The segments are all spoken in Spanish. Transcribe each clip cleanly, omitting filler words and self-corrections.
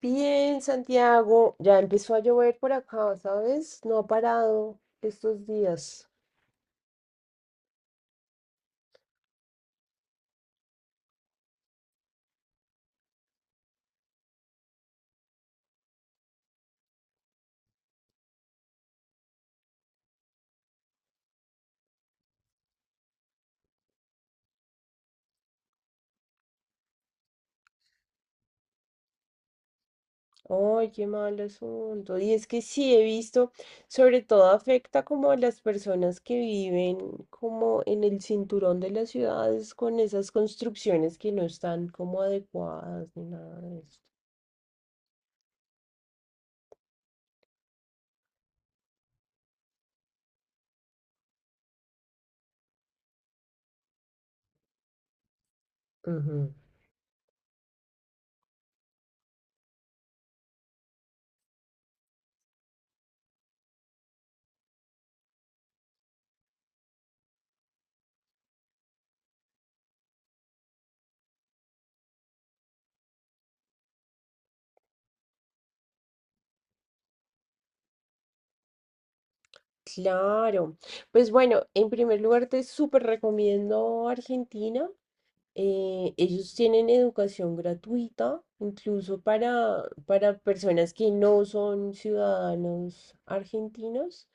Bien, Santiago, ya empezó a llover por acá, ¿sabes? No ha parado estos días. Ay, qué mal asunto. Y es que sí he visto, sobre todo afecta como a las personas que viven como en el cinturón de las ciudades con esas construcciones que no están como adecuadas ni nada de eso. Ujú. Claro. Pues bueno, en primer lugar te súper recomiendo Argentina. Ellos tienen educación gratuita, incluso para personas que no son ciudadanos argentinos.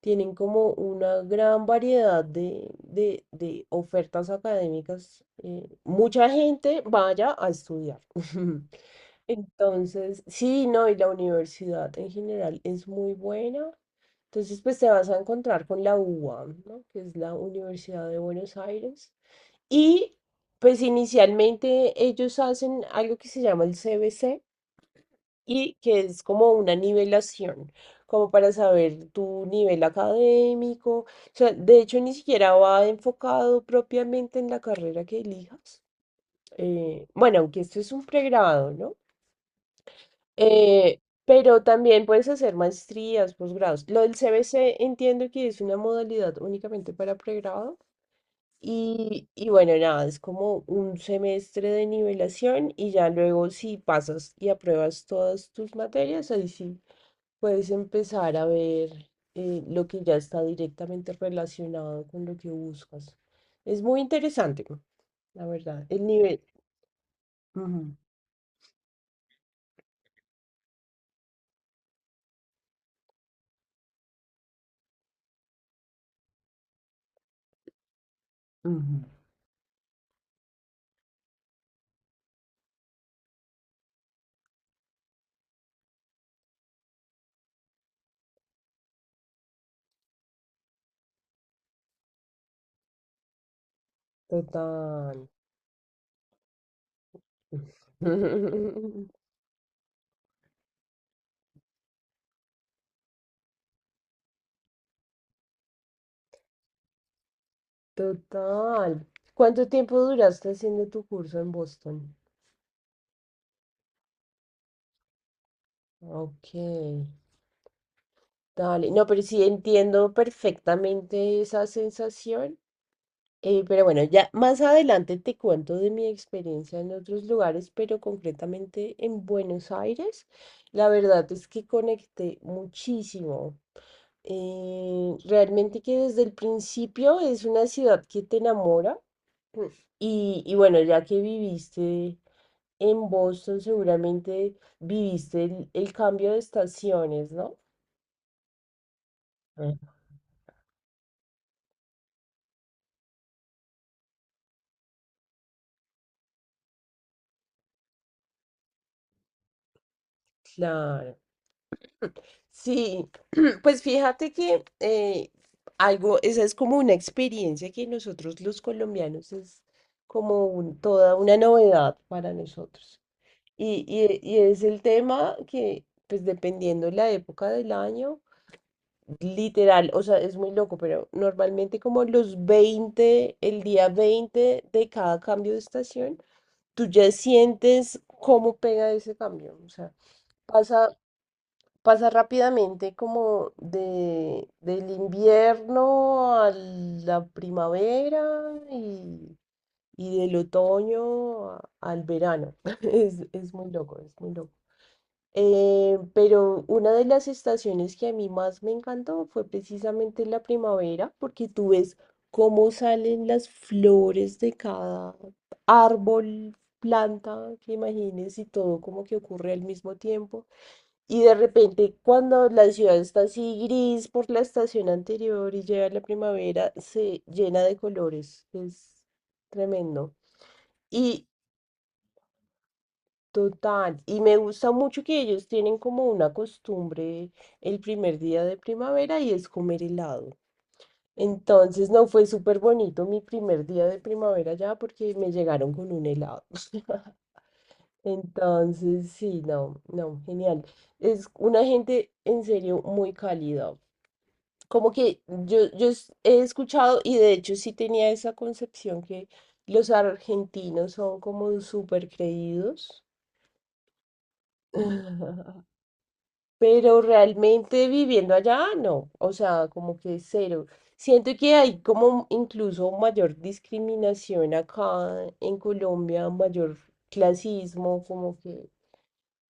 Tienen como una gran variedad de ofertas académicas. Mucha gente vaya a estudiar. Entonces, sí, no, y la universidad en general es muy buena. Entonces, pues te vas a encontrar con la UBA, ¿no? Que es la Universidad de Buenos Aires. Y pues inicialmente ellos hacen algo que se llama el CBC y que es como una nivelación, como para saber tu nivel académico. O sea, de hecho ni siquiera va enfocado propiamente en la carrera que elijas. Bueno, aunque esto es un pregrado, ¿no? Pero también puedes hacer maestrías, posgrados. Lo del CBC entiendo que es una modalidad únicamente para pregrado. Y bueno, nada, es como un semestre de nivelación y ya luego si pasas y apruebas todas tus materias, ahí sí puedes empezar a ver lo que ya está directamente relacionado con lo que buscas. Es muy interesante, la verdad. El nivel. Ujú, ujú. Total. Total. ¿Cuánto tiempo duraste haciendo tu curso en Boston? Ok. Dale, no, pero sí entiendo perfectamente esa sensación. Pero bueno, ya más adelante te cuento de mi experiencia en otros lugares, pero concretamente en Buenos Aires, la verdad es que conecté muchísimo. Realmente que desde el principio es una ciudad que te enamora. Mm. Y bueno, ya que viviste en Boston, seguramente viviste el cambio de estaciones, ¿no? Mm. Claro. Sí, pues fíjate que algo, esa es como una experiencia que nosotros los colombianos es toda una novedad para nosotros. Y es el tema que, pues dependiendo la época del año, literal, o sea, es muy loco, pero normalmente como los 20 el día 20 de cada cambio de estación, tú ya sientes cómo pega ese cambio. O sea, pasa pasa rápidamente como del invierno a la primavera y, y del otoño al verano. Es muy loco, es muy loco. Pero una de las estaciones que a mí más me encantó fue precisamente la primavera, porque tú ves cómo salen las flores de cada árbol, planta que imagines y todo como que ocurre al mismo tiempo. Y de repente, cuando la ciudad está así gris por la estación anterior y llega la primavera, se llena de colores. Es tremendo. Y total, y me gusta mucho que ellos tienen como una costumbre el primer día de primavera y es comer helado. Entonces, no fue súper bonito mi primer día de primavera ya porque me llegaron con un helado. Entonces, sí, no, no, genial. Es una gente en serio muy cálida. Como que yo he escuchado, y de hecho sí tenía esa concepción que los argentinos son como súper creídos. Pero realmente viviendo allá no, o sea, como que cero. Siento que hay como incluso mayor discriminación acá en Colombia, mayor clasismo, como que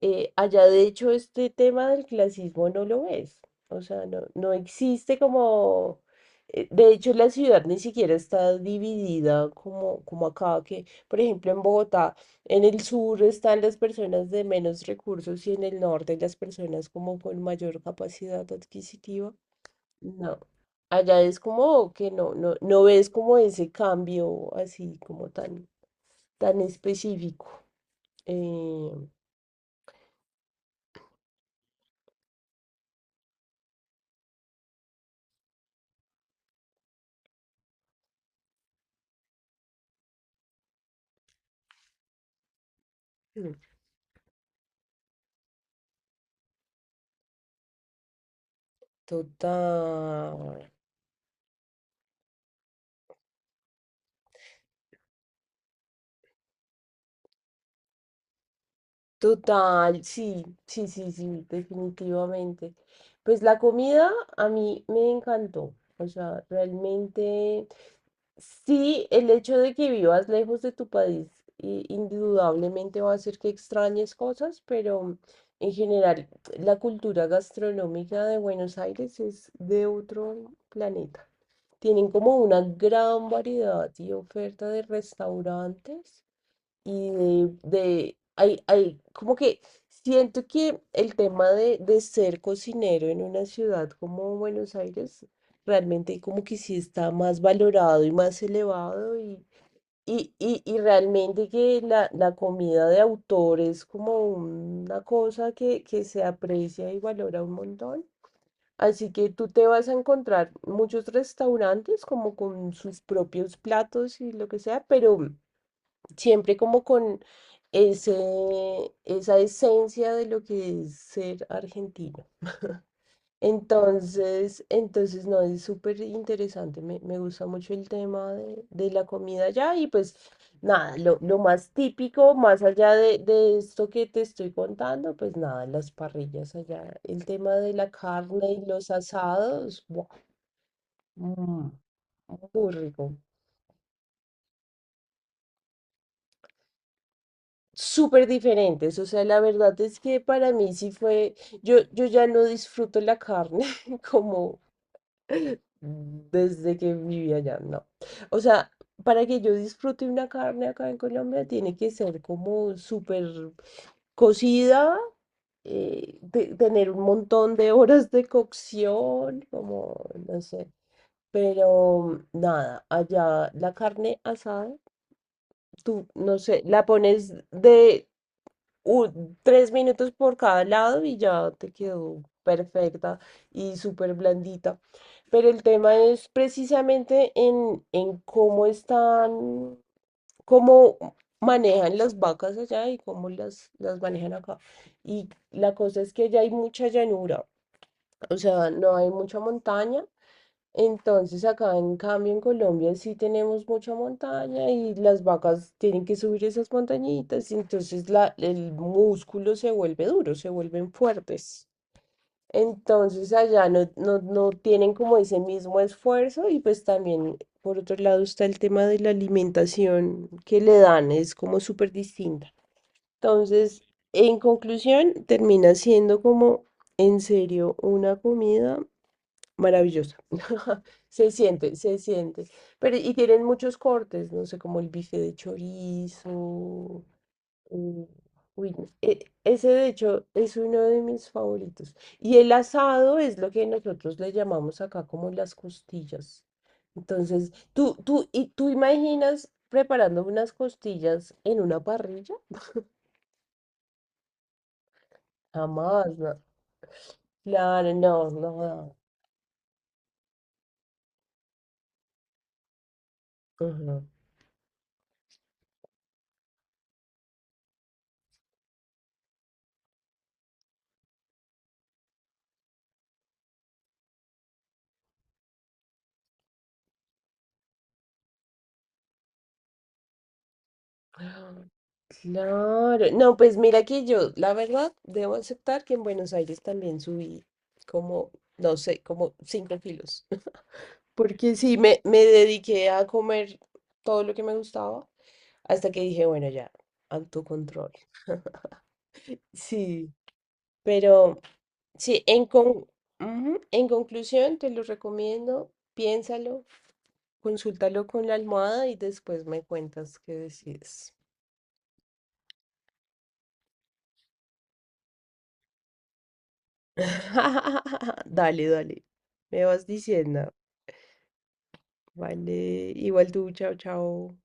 allá de hecho este tema del clasismo no lo ves, o sea, no, no existe como, de hecho la ciudad ni siquiera está dividida como acá, que por ejemplo en Bogotá, en el sur están las personas de menos recursos y en el norte las personas como con mayor capacidad adquisitiva. No, allá es como que no, no, no ves como ese cambio así como tan específico. eh, Total, total, sí, sí, sí, sí, definitivamente. Pues la comida a mí me encantó, o sea, realmente sí, el hecho de que vivas lejos de tu país indudablemente va a hacer que extrañes cosas, pero en general la cultura gastronómica de Buenos Aires es de otro planeta. Tienen como una gran variedad y oferta de restaurantes y hay, como que siento que el tema de ser cocinero en una ciudad como Buenos Aires realmente como que sí está más valorado y más elevado y realmente que la comida de autor es como una cosa que se aprecia y valora un montón. Así que tú te vas a encontrar muchos restaurantes como con sus propios platos y lo que sea, pero siempre como con ese, esa esencia de lo que es ser argentino. Entonces no, es súper interesante, me gusta mucho el tema de la comida allá y pues nada, lo más típico, más allá de esto que te estoy contando, pues nada, las parrillas allá, el tema de la carne y los asados, ¡buah! Mm, muy rico. Súper diferentes. O sea, la verdad es que para mí sí fue, yo ya no disfruto la carne como desde que vivía allá, no. O sea, para que yo disfrute una carne acá en Colombia tiene que ser como súper cocida. Tener un montón de horas de cocción, como, no sé, pero nada, allá la carne asada, tú, no sé, la pones de 3 minutos por cada lado y ya te quedó perfecta y súper blandita. Pero el tema es precisamente en cómo están, cómo manejan las vacas allá y cómo las manejan acá. Y la cosa es que ya hay mucha llanura, o sea, no hay mucha montaña. Entonces, acá en cambio en Colombia sí tenemos mucha montaña y las vacas tienen que subir esas montañitas y entonces el músculo se vuelve duro, se vuelven fuertes. Entonces allá no, no, no tienen como ese mismo esfuerzo y pues también por otro lado está el tema de la alimentación que le dan, es como súper distinta. Entonces, en conclusión, termina siendo como en serio una comida maravillosa. Se siente, se siente. Pero, y tienen muchos cortes, no sé, como el bife de chorizo. mm, Uy, no, ese de hecho es uno de mis favoritos. Y el asado es lo que nosotros le llamamos acá como las costillas. Entonces, ¿y tú imaginas preparando unas costillas en una parrilla? Jamás, no. Claro, no, no. No. Ujú. Ah, claro, no, pues mira que yo, la verdad, debo aceptar que en Buenos Aires también subí como, no sé, como 5 kilos, porque sí, me dediqué a comer todo lo que me gustaba hasta que dije, bueno, ya, autocontrol. Sí, pero sí, en, con, ujú, en conclusión, te lo recomiendo, piénsalo, consúltalo con la almohada y después me cuentas qué decides. Dale, dale. Me vas diciendo. Vale. Igual tú, chao, chao.